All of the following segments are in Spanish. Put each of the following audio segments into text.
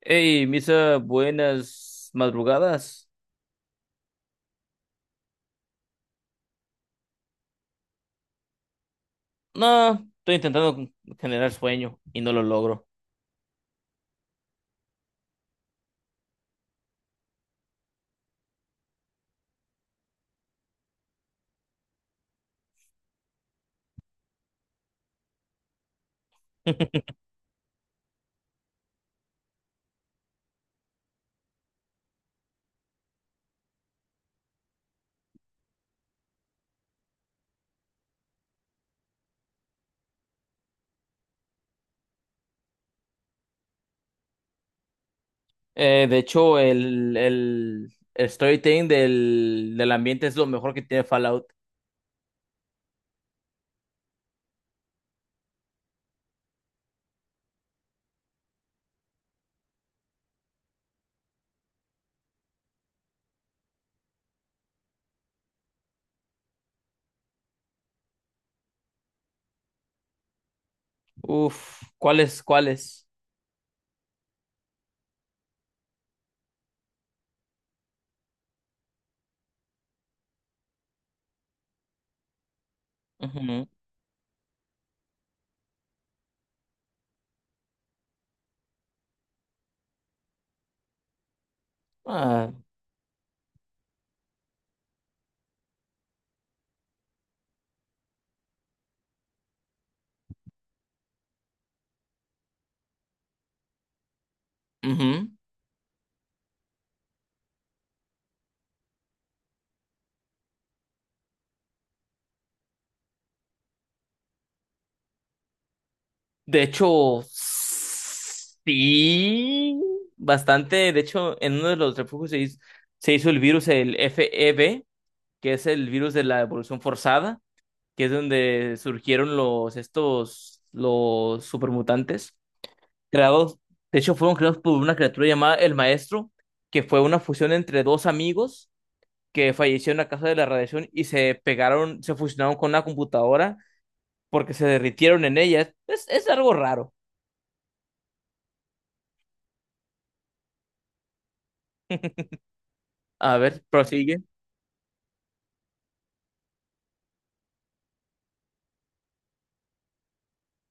Hey, Misa, buenas madrugadas. No, estoy intentando generar sueño y no lo logro. De hecho, el storytelling del ambiente es lo mejor que tiene Fallout. Uf, ¿cuáles? Ujú. Ah, ujú. De hecho, sí, bastante. De hecho, en uno de los refugios se hizo el virus, el FEB, que es el virus de la evolución forzada. Que es donde surgieron los supermutantes, creados, de hecho fueron creados por una criatura llamada el Maestro, que fue una fusión entre dos amigos que fallecieron a causa de la radiación y se pegaron, se fusionaron con una computadora porque se derritieron en ella. Es algo raro. A ver, prosigue.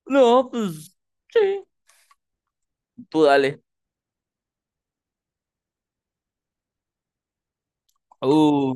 No, pues sí, tú dale. Uh,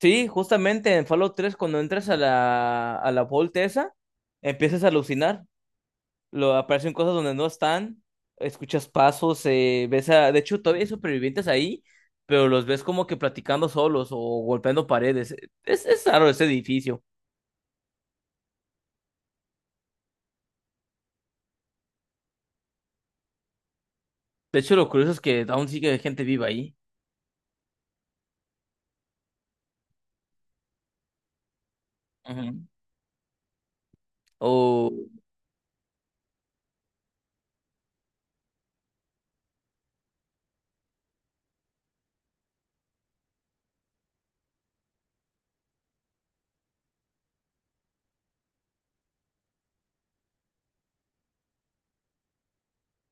sí, justamente en Fallout 3 cuando entras a la Vault esa, empiezas a alucinar lo, aparecen cosas donde no están, escuchas pasos, ves a, de hecho todavía hay supervivientes ahí, pero los ves como que platicando solos o golpeando paredes. Es raro ese edificio. De hecho, lo curioso es que aún sigue gente viva ahí. Ujú. Oh,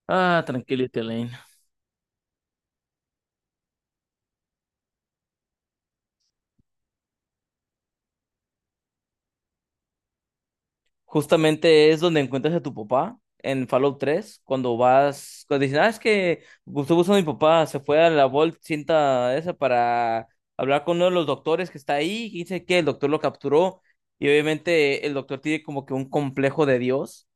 ah, tranquilízate. Justamente es donde encuentras a tu papá en Fallout 3, cuando vas, cuando dicen, ah, es que Gustavo Uso, mi papá, se fue a la Vault cinta esa para hablar con uno de los doctores que está ahí, y dice que el doctor lo capturó, y obviamente el doctor tiene como que un complejo de Dios,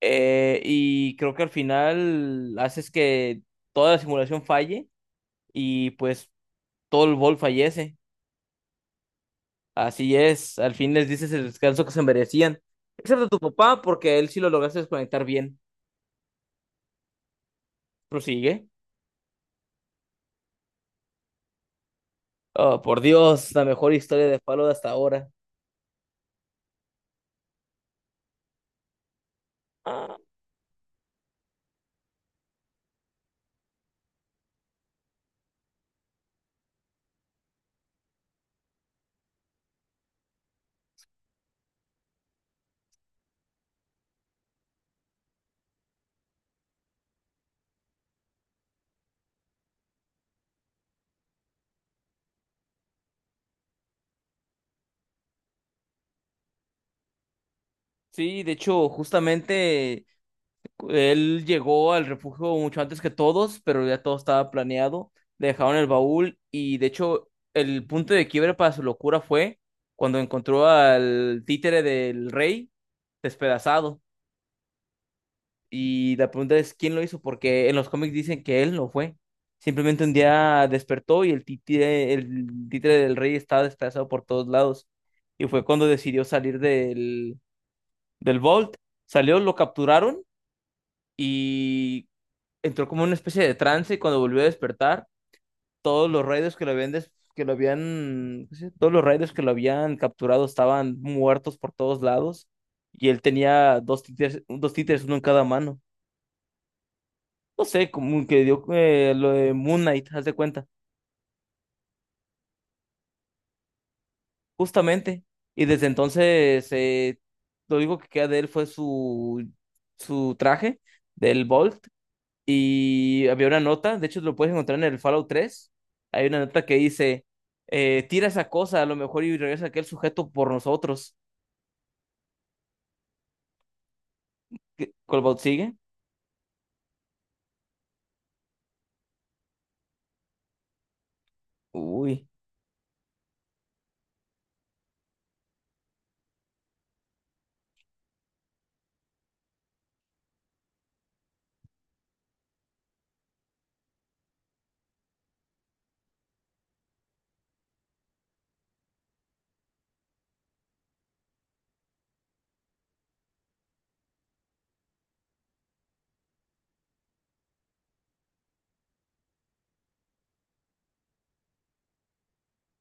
y creo que al final haces que toda la simulación falle, y pues todo el Vault fallece, así es, al fin les dices el descanso que se merecían, excepto tu papá, porque a él sí lo lograste desconectar bien. Prosigue. Oh, por Dios, la mejor historia de Fallout de hasta ahora. Ah, sí, de hecho, justamente él llegó al refugio mucho antes que todos, pero ya todo estaba planeado. Le dejaron el baúl y de hecho el punto de quiebre para su locura fue cuando encontró al títere del rey despedazado. Y la pregunta es, ¿quién lo hizo? Porque en los cómics dicen que él no fue. Simplemente un día despertó y el títere del rey estaba despedazado por todos lados. Y fue cuando decidió salir del Vault. Salió, lo capturaron y entró como una especie de trance. Y cuando volvió a despertar, todos los raiders que lo habían, que lo habían, ¿cómo se dice? Todos los raiders que lo habían capturado estaban muertos por todos lados. Y él tenía dos títeres, uno en cada mano. No sé, como que dio lo de Moon Knight, haz de cuenta, justamente. Y desde entonces, lo único que queda de él fue su traje del Bolt. Y había una nota, de hecho lo puedes encontrar en el Fallout 3. Hay una nota que dice, tira esa cosa a lo mejor y regresa aquel sujeto por nosotros. ¿Qué- ¿Colbaut sigue? Uy.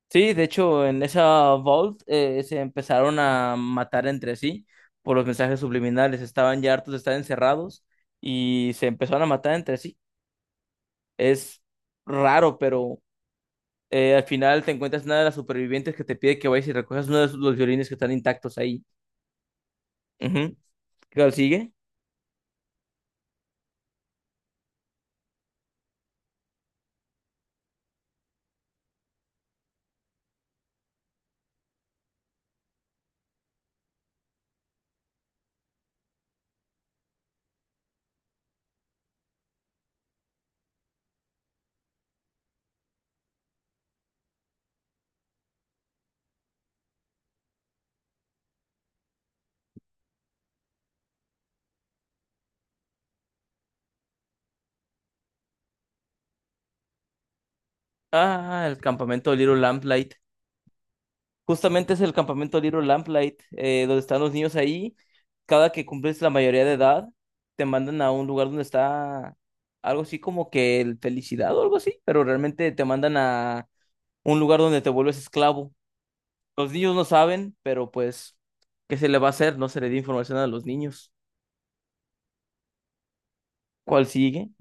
Sí, de hecho, en esa Vault se empezaron a matar entre sí por los mensajes subliminales. Estaban ya hartos de estar encerrados y se empezaron a matar entre sí. Es raro, pero al final te encuentras una de las supervivientes que te pide que vayas y recojas uno de sus- los violines que están intactos ahí. Ujú. ¿Qué tal sigue? Ah, el campamento de Little Lamplight. Justamente es el campamento Little Lamplight, donde están los niños ahí. Cada que cumples la mayoría de edad, te mandan a un lugar donde está algo así como que el felicidad o algo así, pero realmente te mandan a un lugar donde te vuelves esclavo. Los niños no saben, pero pues, ¿qué se le va a hacer? No se le dio información a los niños. ¿Cuál sigue?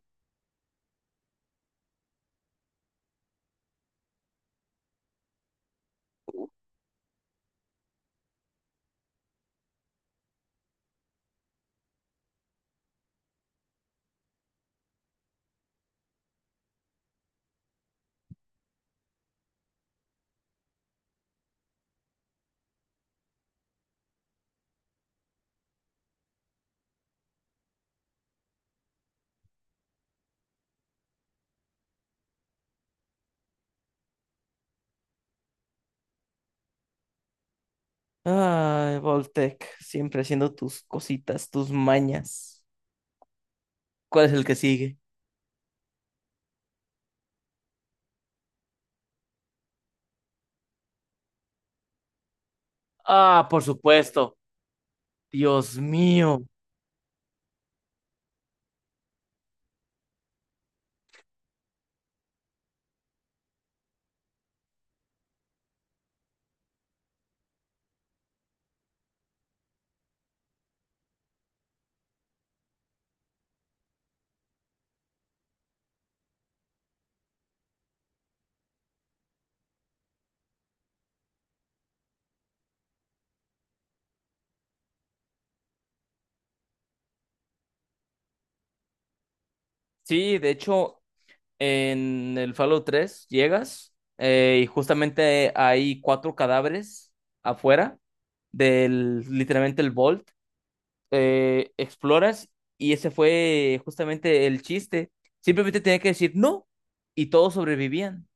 Ay, Voltec, siempre haciendo tus cositas, tus mañas. ¿Cuál es el que sigue? Ah, por supuesto. Dios mío. Sí, de hecho, en el Fallout 3 llegas y justamente hay 4 cadáveres afuera del literalmente el Vault. Exploras y ese fue justamente el chiste. Simplemente tenía que decir no y todos sobrevivían.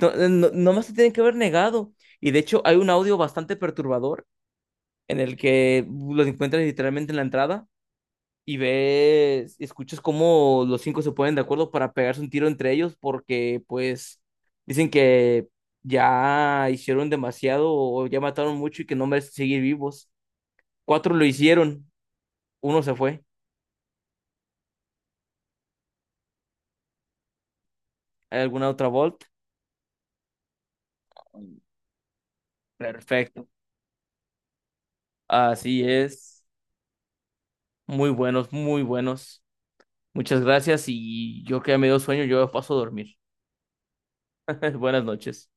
No, nomás se tienen que haber negado. Y de hecho hay un audio bastante perturbador en el que lo encuentras literalmente en la entrada y ves, y escuchas cómo los 5 se ponen de acuerdo para pegarse un tiro entre ellos porque pues dicen que ya hicieron demasiado o ya mataron mucho y que no merecen seguir vivos. 4 lo hicieron, uno se fue. ¿Hay alguna otra Volt? Perfecto. Así es. Muy buenos, muy buenos. Muchas gracias y yo que ya me dio sueño, yo paso a dormir. Buenas noches.